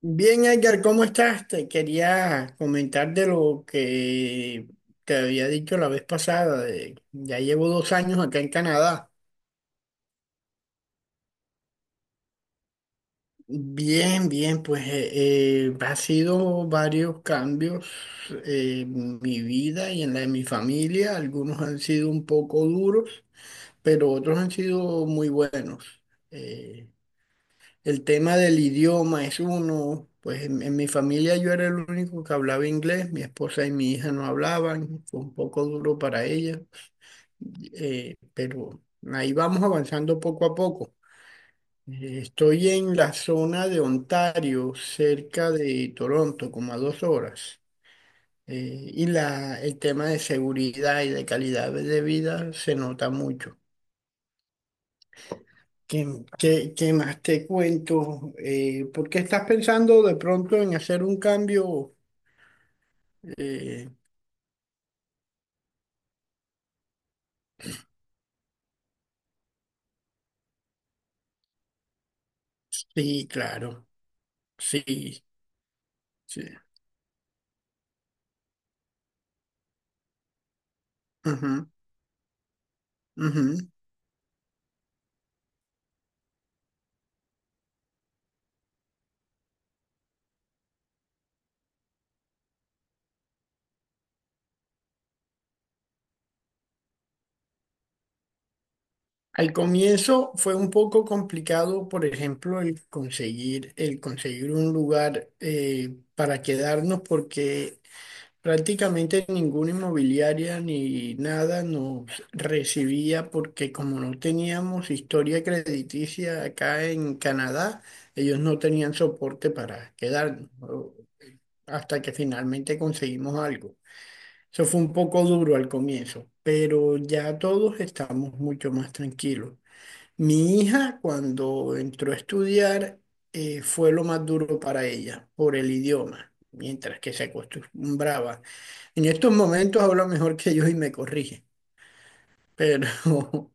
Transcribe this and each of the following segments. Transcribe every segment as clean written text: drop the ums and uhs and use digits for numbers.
Bien, Edgar, ¿cómo estás? Te quería comentar de lo que te había dicho la vez pasada. Ya llevo 2 años acá en Canadá. Bien, bien, pues ha sido varios cambios en mi vida y en la de mi familia. Algunos han sido un poco duros, pero otros han sido muy buenos. Eh, El tema del idioma es uno, pues en mi familia yo era el único que hablaba inglés, mi esposa y mi hija no hablaban, fue un poco duro para ellas, pero ahí vamos avanzando poco a poco. Estoy en la zona de Ontario, cerca de Toronto, como a 2 horas, y el tema de seguridad y de calidad de vida se nota mucho. ¿Qué, qué más te cuento? ¿Por qué estás pensando de pronto en hacer un cambio? Eh, sí, claro, sí, sí. Ujú, ujú. Al comienzo fue un poco complicado, por ejemplo, el conseguir un lugar para quedarnos, porque prácticamente ninguna inmobiliaria ni nada nos recibía porque, como no teníamos historia crediticia acá en Canadá, ellos no tenían soporte para quedarnos, hasta que finalmente conseguimos algo. Eso fue un poco duro al comienzo, pero ya todos estamos mucho más tranquilos. Mi hija, cuando entró a estudiar, fue lo más duro para ella por el idioma, mientras que se acostumbraba. En estos momentos habla mejor que yo y me corrige, pero,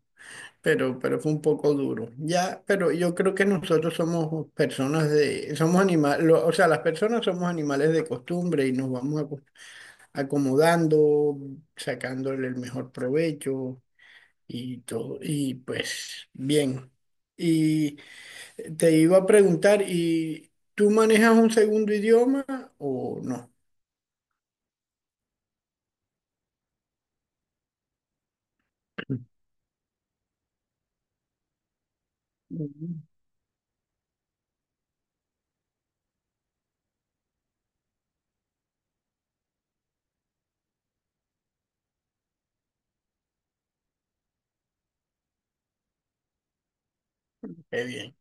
pero fue un poco duro. Ya, pero yo creo que nosotros somos personas somos animales, o sea, las personas somos animales de costumbre y nos vamos acomodando, sacándole el mejor provecho y todo, y pues bien. Y te iba a preguntar, ¿y tú manejas un segundo idioma o no? Mm. Qué bien.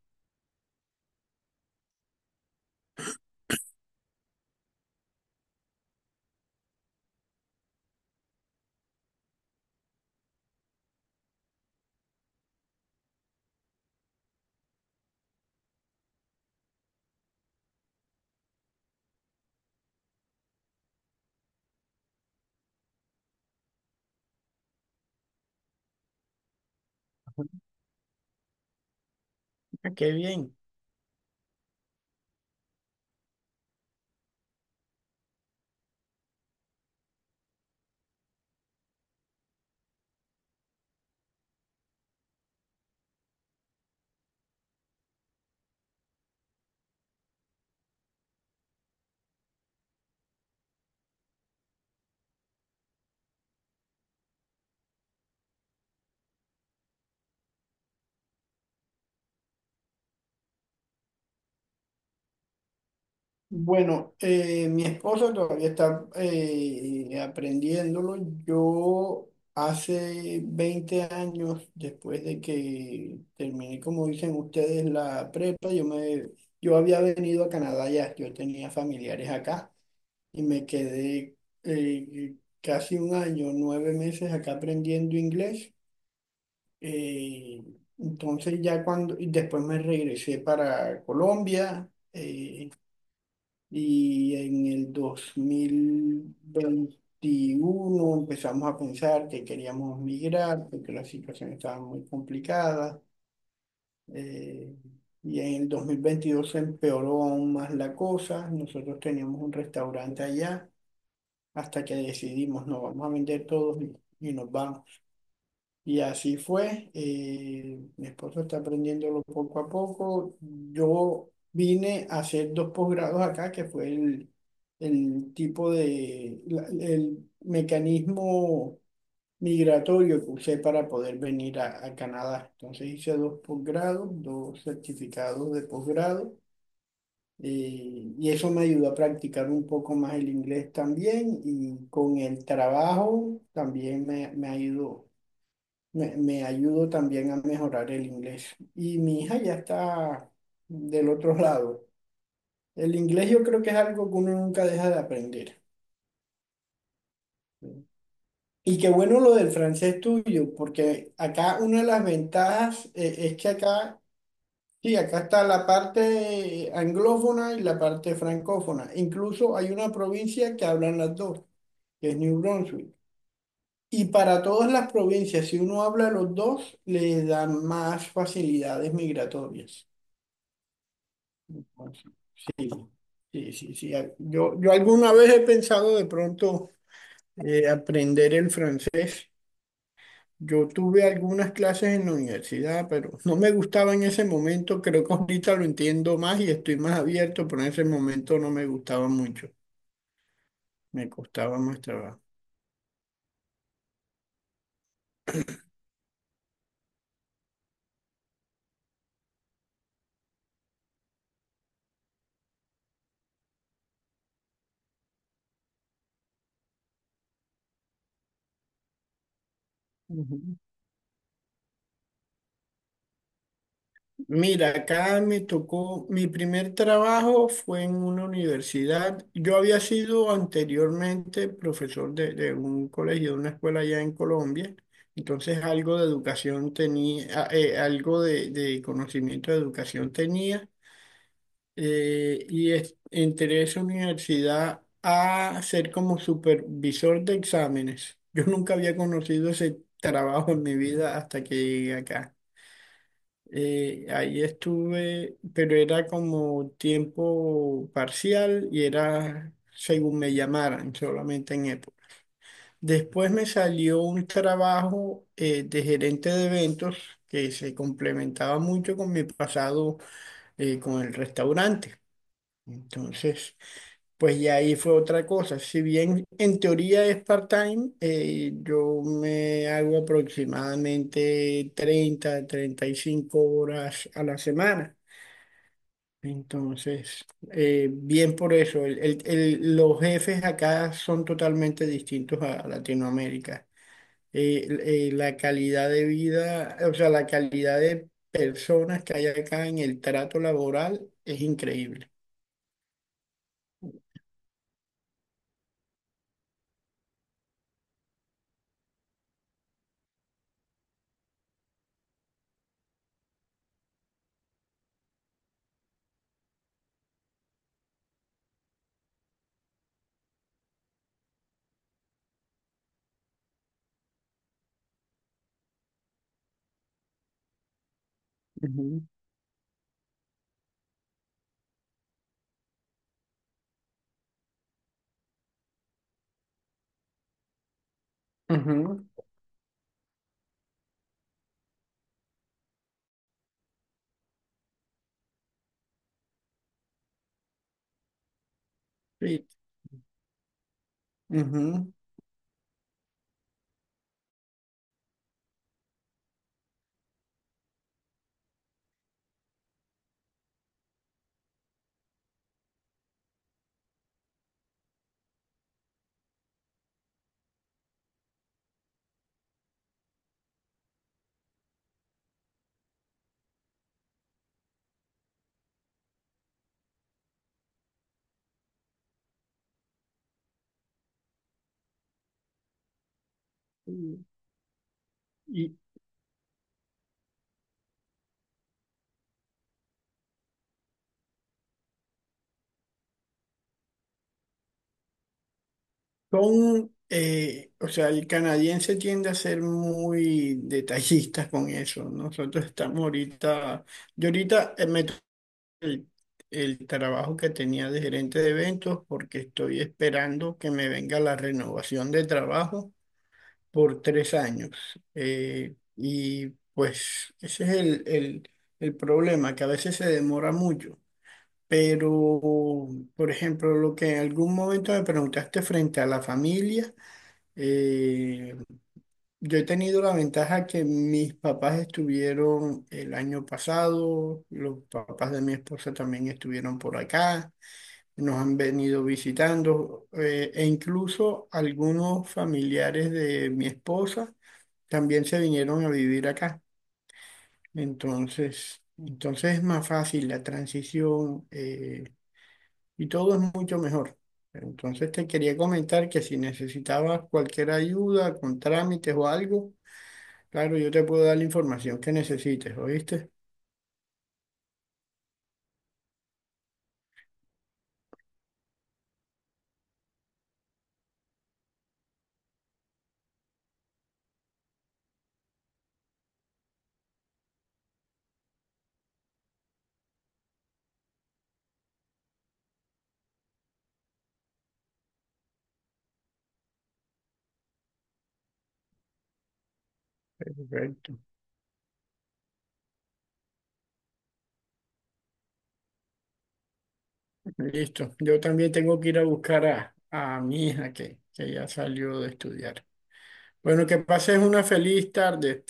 Ah, qué bien. Bueno, mi esposa todavía está aprendiéndolo. Yo, hace 20 años, después de que terminé, como dicen ustedes, la prepa, yo había venido a Canadá ya, yo tenía familiares acá. Y me quedé eh, casi un año, 9 meses, acá aprendiendo inglés. Eh, entonces, ya, y después me regresé para Colombia, y en el 2021 empezamos a pensar que queríamos migrar porque la situación estaba muy complicada. eh, y en el 2022 se empeoró aún más la cosa. Nosotros teníamos un restaurante allá, hasta que decidimos, no, vamos a vender todos, y nos vamos. Y así fue. Mi esposo está aprendiéndolo poco a poco. Yo vine a hacer dos posgrados acá, que fue el tipo de, el mecanismo migratorio que usé para poder venir a Canadá. Entonces hice dos posgrados, dos certificados de posgrado. Y eso me ayudó a practicar un poco más el inglés también, y con el trabajo también me ayudó, me ayudó también a mejorar el inglés. Y mi hija ya está del otro lado. El inglés, yo creo que es algo que uno nunca deja de aprender. Y qué bueno lo del francés tuyo, porque acá una de las ventajas, es que acá. Sí, acá está la parte anglófona y la parte francófona. Incluso hay una provincia que hablan las dos, que es New Brunswick. Y para todas las provincias, si uno habla los dos, le dan más facilidades migratorias. Entonces, sí, sí, sí. Yo alguna vez he pensado de pronto aprender el francés. Yo tuve algunas clases en la universidad, pero no me gustaba en ese momento. Creo que ahorita lo entiendo más y estoy más abierto, pero en ese momento no me gustaba mucho. Me costaba más trabajo. Ujú. Mira, acá me tocó, mi primer trabajo fue en una universidad. Yo había sido anteriormente profesor de un colegio, de una escuela allá en Colombia. Entonces algo de educación tenía, algo de conocimiento de educación tenía. Y entré a esa universidad a ser como supervisor de exámenes. Yo nunca había conocido ese trabajo en mi vida hasta que llegué acá. Ahí estuve, pero era como tiempo parcial y era según me llamaran, solamente en época. Después me salió un trabajo de gerente de eventos, que se complementaba mucho con mi pasado, con el restaurante. Entonces, pues ya ahí fue otra cosa. Si bien en teoría es part-time, yo me hago aproximadamente 30, 35 horas a la semana. Entonces, bien por eso, los jefes acá son totalmente distintos a Latinoamérica. Eh, la calidad de vida, o sea, la calidad de personas que hay acá en el trato laboral es increíble. Ujú. Ujú, sí. Ujú. Y y son, o sea, el canadiense tiende a ser muy detallista con eso, ¿no? Nosotros estamos ahorita, yo ahorita, el, el trabajo que tenía de gerente de eventos, porque estoy esperando que me venga la renovación de trabajo por 3 años. Y pues ese es el problema, que a veces se demora mucho. Pero, por ejemplo, lo que en algún momento me preguntaste frente a la familia, eh, yo he tenido la ventaja que mis papás estuvieron el año pasado, los papás de mi esposa también estuvieron por acá, nos han venido visitando, e incluso algunos familiares de mi esposa también se vinieron a vivir acá. Entonces, entonces es más fácil la transición. Y todo es mucho mejor. Entonces te quería comentar que, si necesitabas cualquier ayuda con trámites o algo, claro, yo te puedo dar la información que necesites, ¿oíste? Perfecto. Listo. Yo también tengo que ir a buscar a mi hija, que ya salió de estudiar. Bueno, que pases una feliz tarde.